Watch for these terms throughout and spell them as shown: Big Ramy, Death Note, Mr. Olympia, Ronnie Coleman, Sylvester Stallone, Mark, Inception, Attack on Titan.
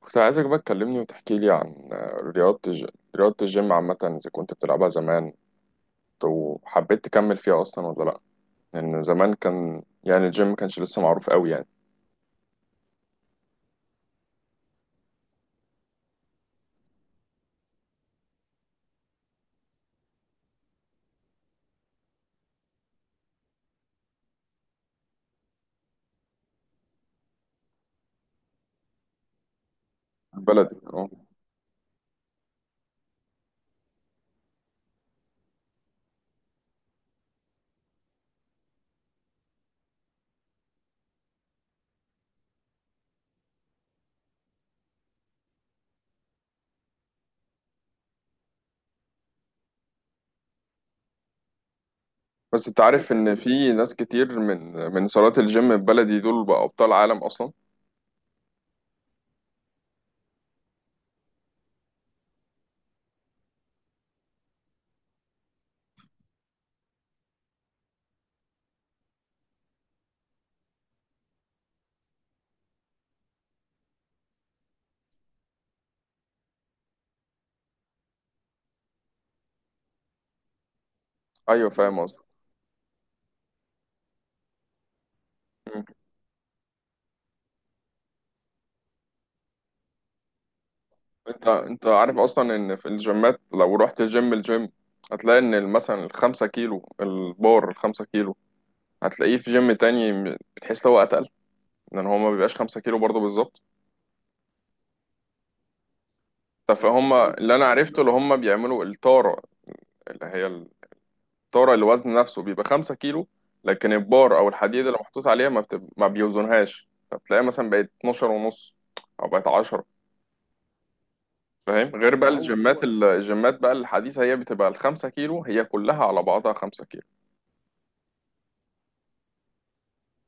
كنت عايزك بقى تكلمني وتحكي لي عن رياضة الج... رياضة الجيم عامة، إذا كنت بتلعبها زمان وحبيت تكمل فيها أصلا ولا لأ. لأن زمان كان يعني الجيم ما كانش لسه معروف أوي يعني في بلدي. اه. بس أنت عارف إن في ناس كتير من صالات الجيم البلدي دول بقى أبطال عالم أصلا. أيوه، فاهم قصدك. مم. أنت عارف أصلا إن في الجيمات، لو رحت الجيم هتلاقي إن مثلا الخمسة كيلو البار الخمسة كيلو هتلاقيه في جيم تاني بتحس هو أتقل، لان هو ما بيبقاش 5 كيلو برضه بالظبط. طب فهم اللي انا عرفته اللي هم بيعملوا التاره، اللي هي التاره اللي وزن نفسه بيبقى 5 كيلو، لكن البار او الحديد اللي محطوط عليها ما بيوزنهاش، فبتلاقيها مثلا بقت 12 ونص او بقت 10. فاهم؟ غير بقى، ايوه الجيمات، ايوه الجيمات بقى الحديثه هي بتبقى ال 5 كيلو، هي كلها على بعضها 5 كيلو.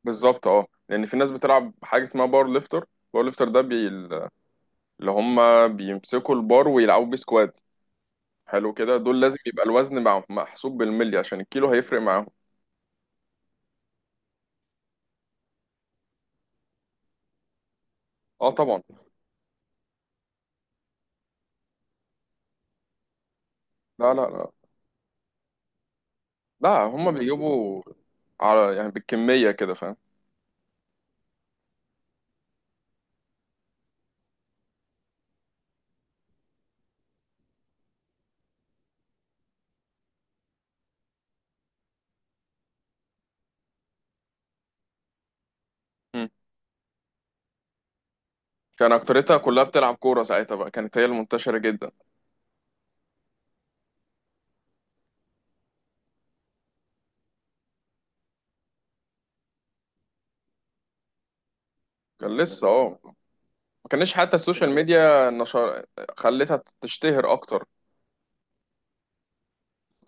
بالظبط، اه، لان في ناس بتلعب حاجه اسمها بار ليفتر. بار ليفتر ده اللي هم بيمسكوا البار ويلعبوا بيه سكوات، حلو، كده دول لازم يبقى الوزن محسوب بالملي عشان الكيلو هيفرق معاهم. اه طبعا. لا لا لا لا، هما بيجيبوا على يعني بالكمية كده، فاهم؟ مم. كان أكتريتها كلها بتلعب كورة ساعتها بقى، كانت هي المنتشرة جدا. كان لسه، اه، ما كانش حتى السوشيال ميديا نشر خلتها تشتهر أكتر.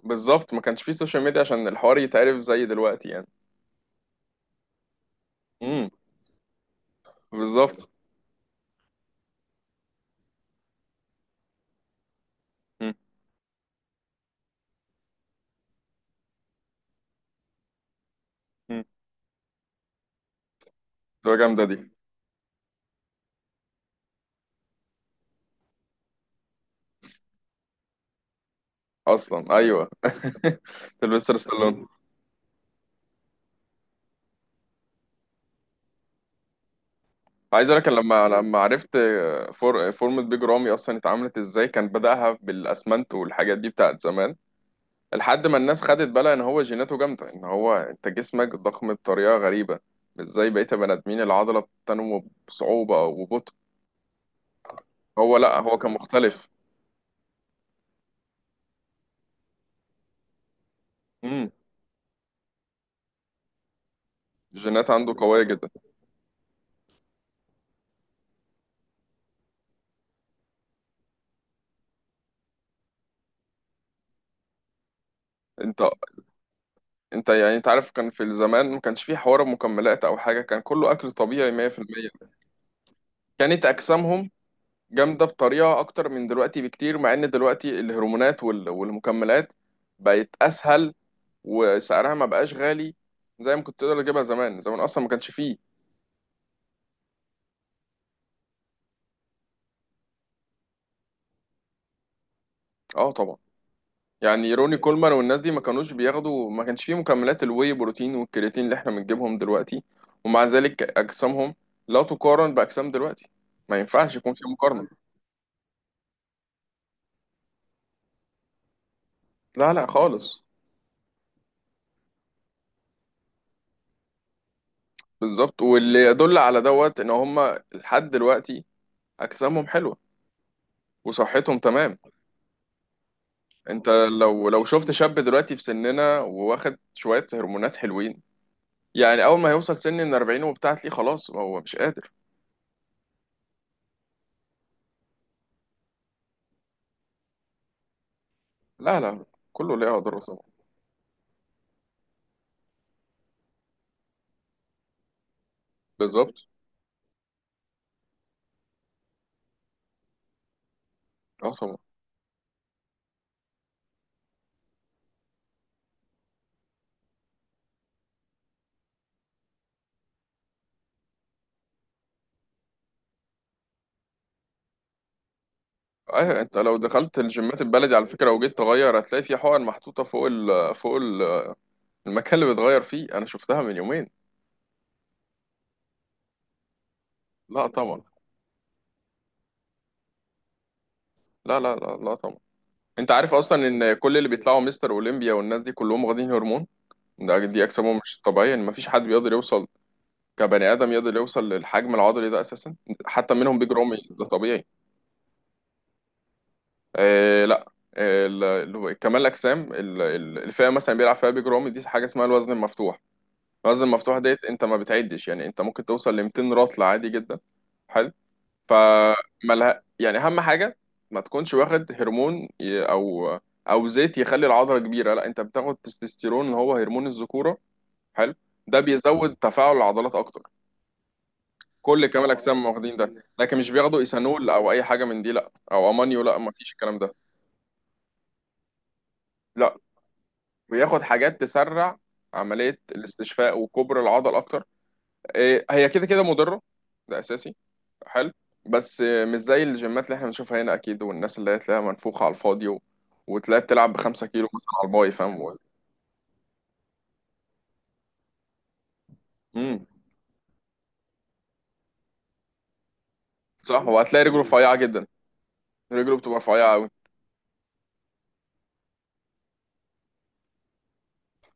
بالظبط، ما كانش فيه سوشيال ميديا عشان الحوار يتعرف زي دلوقتي يعني. امم. بالظبط. امم. تبقى جامدة دي أصلا. أيوه سيلفستر ستالون. عايز اقول لك، لما عرفت فورمة بيج رامي اصلا اتعملت ازاي، كان بدأها بالاسمنت والحاجات دي بتاعت زمان، لحد ما الناس خدت بالها ان هو جيناته جامده، ان هو انت جسمك ضخم بطريقه غريبه مش زي بقيه البني ادمين. العضله بتنمو بصعوبه وببطء. هو، لا، هو كان مختلف. امم. الجينات عنده قويه جدا. انت انت يعني انت عارف كان في الزمان ما كانش في حوار مكملات او حاجه، كان كله اكل طبيعي 100%. كانت اجسامهم جامده بطريقه اكتر من دلوقتي بكتير، مع ان دلوقتي الهرمونات والمكملات بقت اسهل، وسعرها ما بقاش غالي زي ما كنت تقدر تجيبها. زمان، زمان اصلا ما كانش فيه. اه طبعا. يعني روني كولمان والناس دي ما كانوش بياخدوا، ما كانش فيه مكملات الواي بروتين والكرياتين اللي احنا بنجيبهم دلوقتي، ومع ذلك اجسامهم لا تقارن باجسام دلوقتي. ما ينفعش يكون في مقارنه. لا لا خالص. بالظبط، واللي يدل على دوت ان هم لحد دلوقتي اجسامهم حلوه وصحتهم تمام. انت لو شفت شاب دلوقتي في سننا وواخد شوية هرمونات حلوين، يعني اول ما يوصل سن ال 40 وبتاع تلاقيه خلاص هو مش قادر. لا لا، كله ليه اضراره طبعا. بالظبط. اه طبعا. ايوه انت لو دخلت الجيمات البلدي على فكرة وجيت تغير هتلاقي في حقن محطوطة فوق ال، فوق ال المكان اللي بتغير فيه، انا شفتها من يومين. لا طبعا، لا لا لا لا طبعا. انت عارف اصلا ان كل اللي بيطلعوا مستر اولمبيا والناس دي كلهم واخدين هرمون، ده دي اجسامهم مش طبيعية، ان مفيش حد بيقدر يوصل كبني ادم يقدر يوصل للحجم العضلي ده اساسا. حتى منهم بيج رامي ده طبيعي. آه لا آه، كمال الاجسام الفئه مثلا بيلعب فيها بيج رامي دي حاجه اسمها الوزن المفتوح. الوزن المفتوح ديت انت ما بتعدش، يعني انت ممكن توصل ل 200 رطل عادي جدا. حلو، فمالها يعني؟ اهم حاجه ما تكونش واخد هرمون او زيت يخلي العضله كبيره. لا، انت بتاخد تستوستيرون اللي هو هرمون الذكوره. حلو. ده بيزود تفاعل العضلات اكتر. كل كمال الاجسام واخدين ده، لكن مش بياخدوا ايثانول او اي حاجه من دي، لا او امونيو لا، ما فيش الكلام ده. لا، بياخد حاجات تسرع عمليه الاستشفاء وكبر العضل اكتر. إيه، هي كده كده مضره، ده اساسي. حلو. بس مش زي الجيمات اللي احنا بنشوفها هنا اكيد، والناس اللي هي تلاقيها منفوخه على الفاضي، وتلاقيها بتلعب بخمسة كيلو مثلا على الباي، فاهم؟ مم. صح، وهتلاقي رجله رفيعه جدا، رجله بتبقى رفيعه قوي.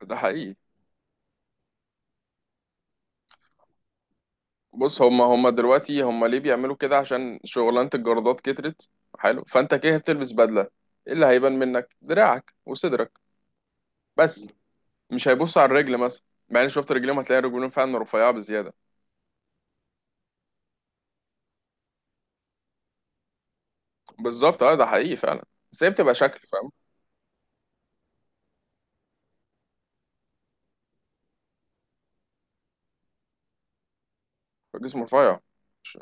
ده حقيقي. بص، هما دلوقتي ليه بيعملوا كده؟ عشان شغلانة الجردات كترت. حلو، فانت كده بتلبس بدلة، ايه اللي هيبان منك؟ دراعك وصدرك بس، مش هيبص على الرجل مثلا. مع ان شفت رجليهم، هتلاقي رجلهم فعلا رفيعة بزيادة. بالظبط، اه، ده حقيقي فعلا. بس هي بتبقى شكل، فاهم. جسم رفيع، مش-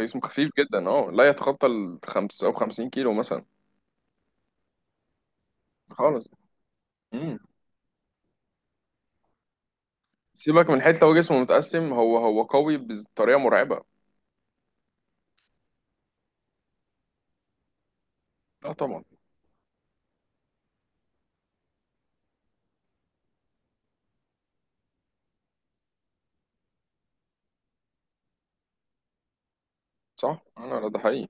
جسم خفيف جدا، اه، لا يتخطى ال 55 كيلو مثلا. خالص. امم. سيبك من حيث لو جسمه متقسم، هو قوي بطريقة مرعبة. لا طبعا. صح، انا، لا، ده حقيقي.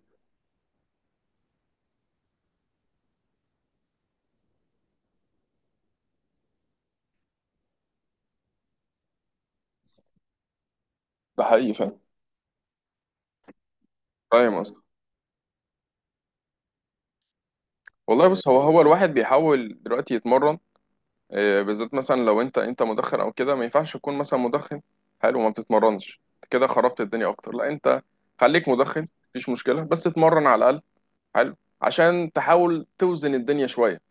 ده حقيقي فعلا، فاهم. والله بص، هو الواحد بيحاول دلوقتي يتمرن، بالذات مثلا لو انت مدخن او كده. ما ينفعش تكون مثلا مدخن، حلو، وما بتتمرنش، انت كده خربت الدنيا اكتر. لا انت خليك مدخن مفيش مشكله، بس اتمرن على الاقل. حلو، عشان تحاول توزن الدنيا شويه،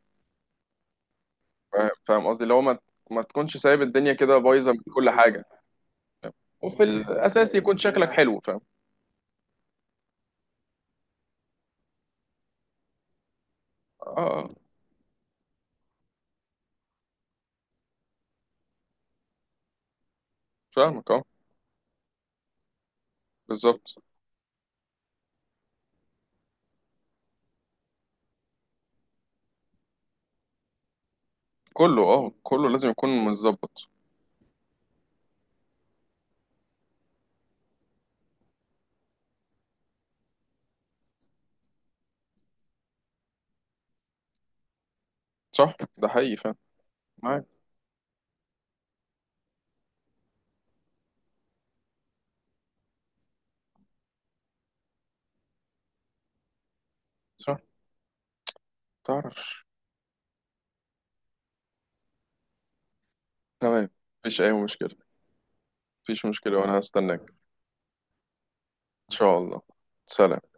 فاهم قصدي، اللي هو ما تكونش سايب الدنيا كده بايظه من كل حاجه، وفي الاساس يكون شكلك حلو، فاهم. اه آه، فاهمك اه. بالظبط، كله لازم يكون متظبط. صح، ده حقيقي، فاهم. معاك. صح. تعرف. تمام. مفيش أي مشكلة. مفيش مشكلة، وأنا هستناك. إن شاء الله. سلام.